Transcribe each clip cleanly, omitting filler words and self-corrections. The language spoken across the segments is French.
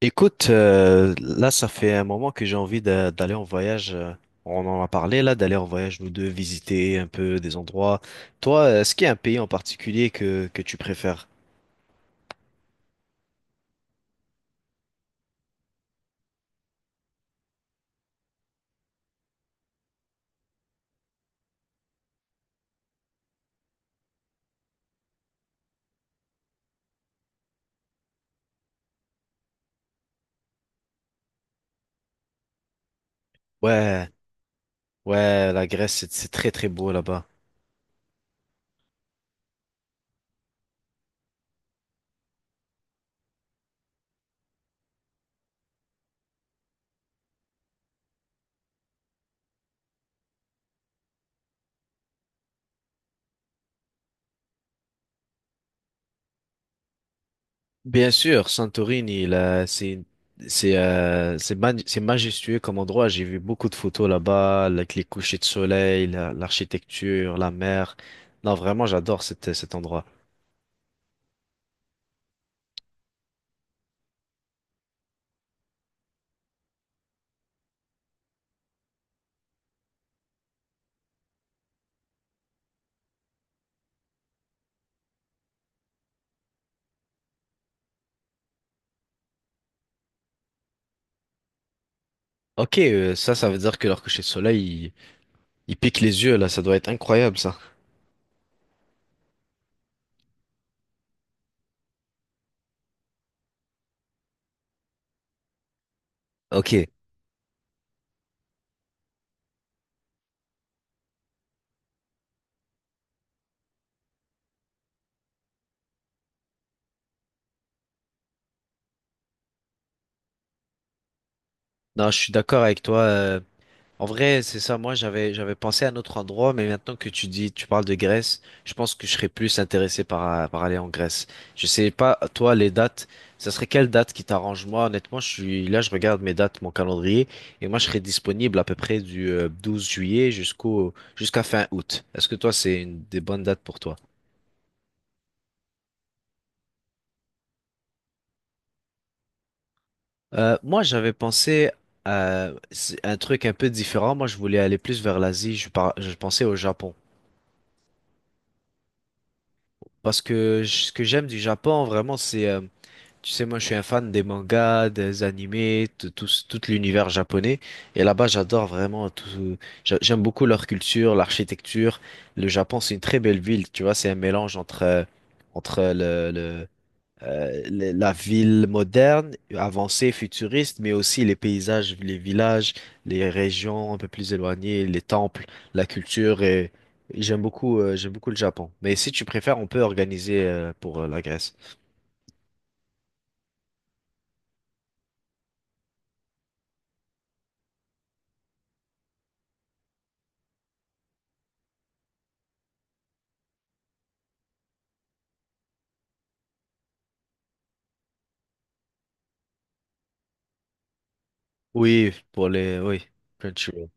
Écoute, là, ça fait un moment que j'ai envie d'aller en voyage. On en a parlé là, d'aller en voyage nous deux, visiter un peu des endroits. Toi, est-ce qu'il y a un pays en particulier que tu préfères? Ouais, ouais, la Grèce, c'est très très beau là-bas. Bien sûr, Santorini, là, c'est majestueux comme endroit. J'ai vu beaucoup de photos là-bas, avec les couchers de soleil, l'architecture, la mer. Non, vraiment, j'adore cet endroit. OK, ça veut dire que leur coucher de soleil, il pique les yeux là. Ça doit être incroyable, ça. OK. Non, je suis d'accord avec toi. En vrai, c'est ça. Moi, j'avais pensé à un autre endroit, mais maintenant que tu dis, tu parles de Grèce, je pense que je serais plus intéressé par aller en Grèce. Je sais pas, toi, les dates, ça serait quelle date qui t'arrange? Moi, honnêtement, je suis là, je regarde mes dates, mon calendrier, et moi, je serais disponible à peu près du 12 juillet jusqu'à fin août. Est-ce que toi, c'est une des bonnes dates pour toi? Moi, j'avais pensé à un truc un peu différent. Moi, je voulais aller plus vers l'Asie. Je pensais au Japon. Ce que j'aime du Japon, vraiment, c'est tu sais, moi, je suis un fan des mangas, des animés, de tout, tout l'univers japonais. Et là-bas, j'adore vraiment tout. J'aime beaucoup leur culture, l'architecture. Le Japon, c'est une très belle ville. Tu vois, c'est un mélange entre la ville moderne, avancée, futuriste, mais aussi les paysages, les villages, les régions un peu plus éloignées, les temples, la culture. Et j'aime beaucoup le Japon. Mais si tu préfères, on peut organiser, pour la Grèce. Oui, pour les, oui, Crunchyroll.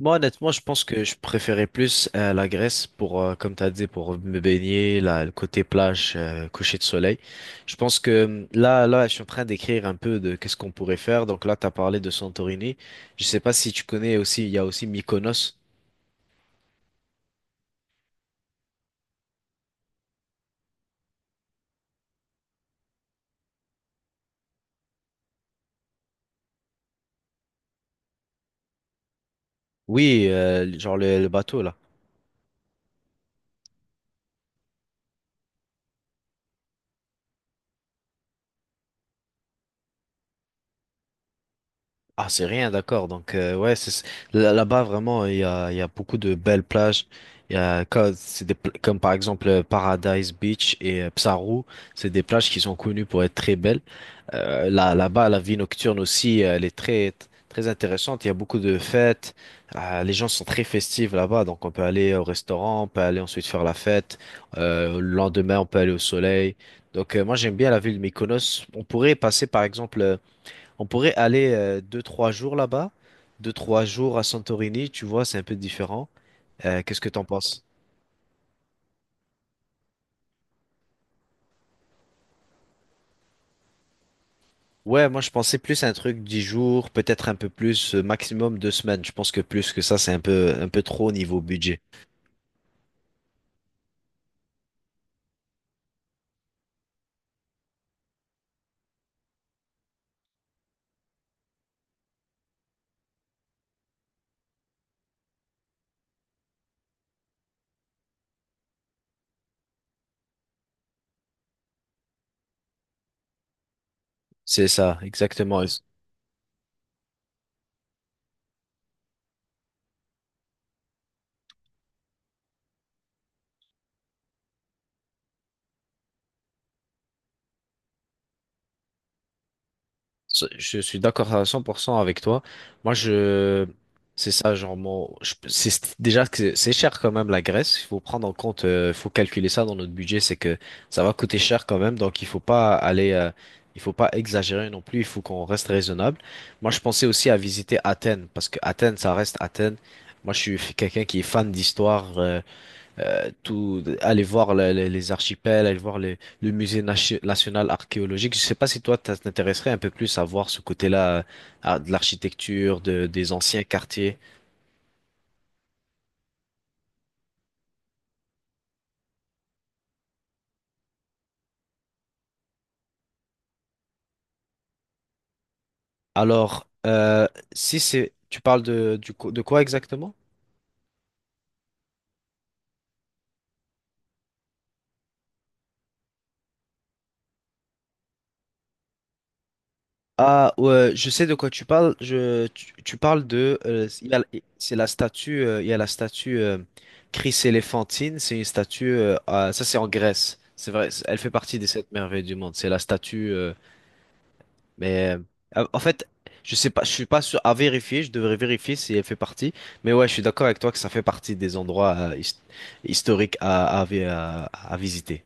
Moi, honnêtement, je pense que je préférais plus la Grèce pour, comme t'as dit, pour me baigner, là, le côté plage, coucher de soleil. Je pense que là, là, je suis en train d'écrire un peu de qu'est-ce qu'on pourrait faire. Donc là, t'as parlé de Santorini. Je sais pas si tu connais aussi, il y a aussi Mykonos. Oui, genre le bateau là. Ah, c'est rien, d'accord. Donc, ouais, là-bas, vraiment, il y a beaucoup de belles plages. Il y a, co- c'est des, pla- comme par exemple Paradise Beach et Psaru. C'est des plages qui sont connues pour être très belles. Là, là-bas, la vie nocturne aussi, elle est très, très intéressante. Il y a beaucoup de fêtes. Les gens sont très festifs là-bas. Donc, on peut aller au restaurant, on peut aller ensuite faire la fête. Le lendemain, on peut aller au soleil. Donc, moi, j'aime bien la ville de Mykonos. On pourrait passer, par exemple, on pourrait aller deux, trois jours là-bas, deux, trois jours à Santorini, tu vois, c'est un peu différent. Qu'est-ce que t'en penses? Ouais, moi je pensais plus à un truc 10 jours, peut-être un peu plus, maximum 2 semaines. Je pense que plus que ça, c'est un peu trop au niveau budget. C'est ça, exactement. Je suis d'accord à 100% avec toi. Moi, je, c'est ça, genre, mon, je- c'est- déjà que c'est cher quand même la Grèce. Il faut prendre en compte, faut calculer ça dans notre budget, c'est que ça va coûter cher quand même. Donc, il faut pas exagérer non plus. Il faut qu'on reste raisonnable. Moi, je pensais aussi à visiter Athènes parce que Athènes, ça reste Athènes. Moi, je suis quelqu'un qui est fan d'histoire. Tout, aller voir les archipels, aller voir le musée national archéologique. Je sais pas si toi, ça t'intéresserait un peu plus à voir ce côté-là, de l'architecture, des anciens quartiers. Alors, si c'est, tu parles de, de quoi exactement? Ah, ouais, je sais de quoi tu parles. Je, tu parles de, C'est la statue, il y a la statue Chris Éléphantine. C'est une statue, ça c'est en Grèce. C'est vrai, elle fait partie des sept merveilles du monde. C'est la statue. Mais en fait, je sais pas, je suis pas sûr à vérifier, je devrais vérifier si elle fait partie. Mais ouais, je suis d'accord avec toi que ça fait partie des endroits historiques à visiter.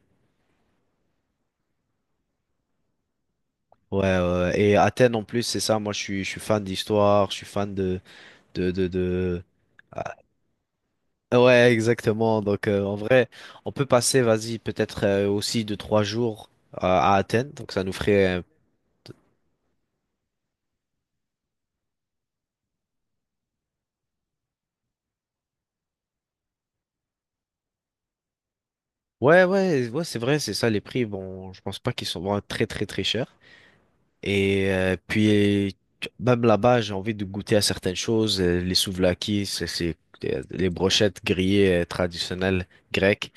Ouais, ouais, ouais. Et Athènes en plus, c'est ça, moi je suis fan d'histoire, je suis fan de... Ah, ouais, exactement. Donc en vrai, on peut passer, vas-y, peut-être aussi de 3 jours à Athènes. Donc ça nous ferait... Ouais, ouais, ouais, c'est vrai, c'est ça, les prix, bon, je pense pas qu'ils sont vraiment très, très, très chers. Et puis, même là-bas, j'ai envie de goûter à certaines choses. Les souvlaki, les brochettes grillées traditionnelles grecques.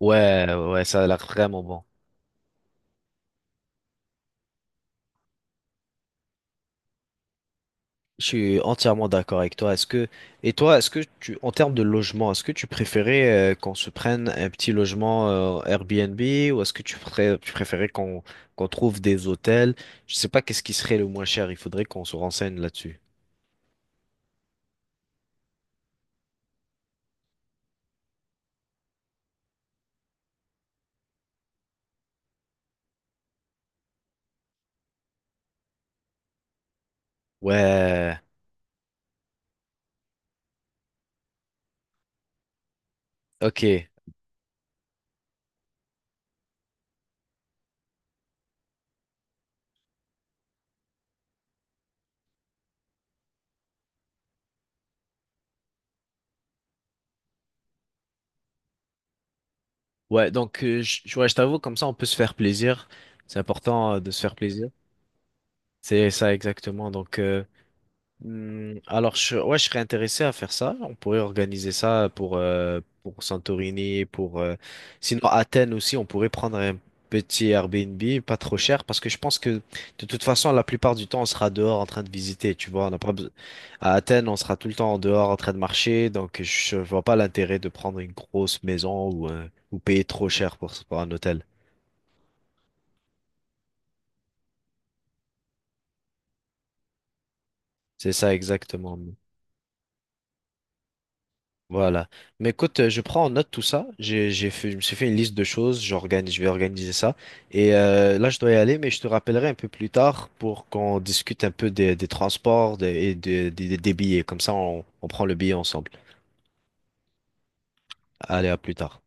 Ouais, ouais, ça a l'air vraiment bon. Je suis entièrement d'accord avec toi. Et toi, est-ce que tu, en termes de logement, est-ce que tu préférais qu'on se prenne un petit logement Airbnb ou est-ce que tu préférais qu'on trouve des hôtels? Je sais pas qu'est-ce qui serait le moins cher. Il faudrait qu'on se renseigne là-dessus. Ouais, OK. Ouais, ouais, je t'avoue, comme ça on peut se faire plaisir. C'est important de se faire plaisir. C'est ça exactement. Alors, ouais, je serais intéressé à faire ça. On pourrait organiser ça pour Santorini, pour, sinon Athènes aussi, on pourrait prendre un petit Airbnb, pas trop cher, parce que je pense que de toute façon, la plupart du temps, on sera dehors en train de visiter, tu vois. On n'a pas À Athènes, on sera tout le temps en dehors en train de marcher, donc je vois pas l'intérêt de prendre une grosse maison ou payer trop cher pour un hôtel. C'est ça exactement. Voilà. Mais écoute, je prends en note tout ça. J'ai fait, je me suis fait une liste de choses. J'organise, je vais organiser ça. Et là, je dois y aller, mais je te rappellerai un peu plus tard pour qu'on discute un peu des transports et des billets. Comme ça, on prend le billet ensemble. Allez, à plus tard.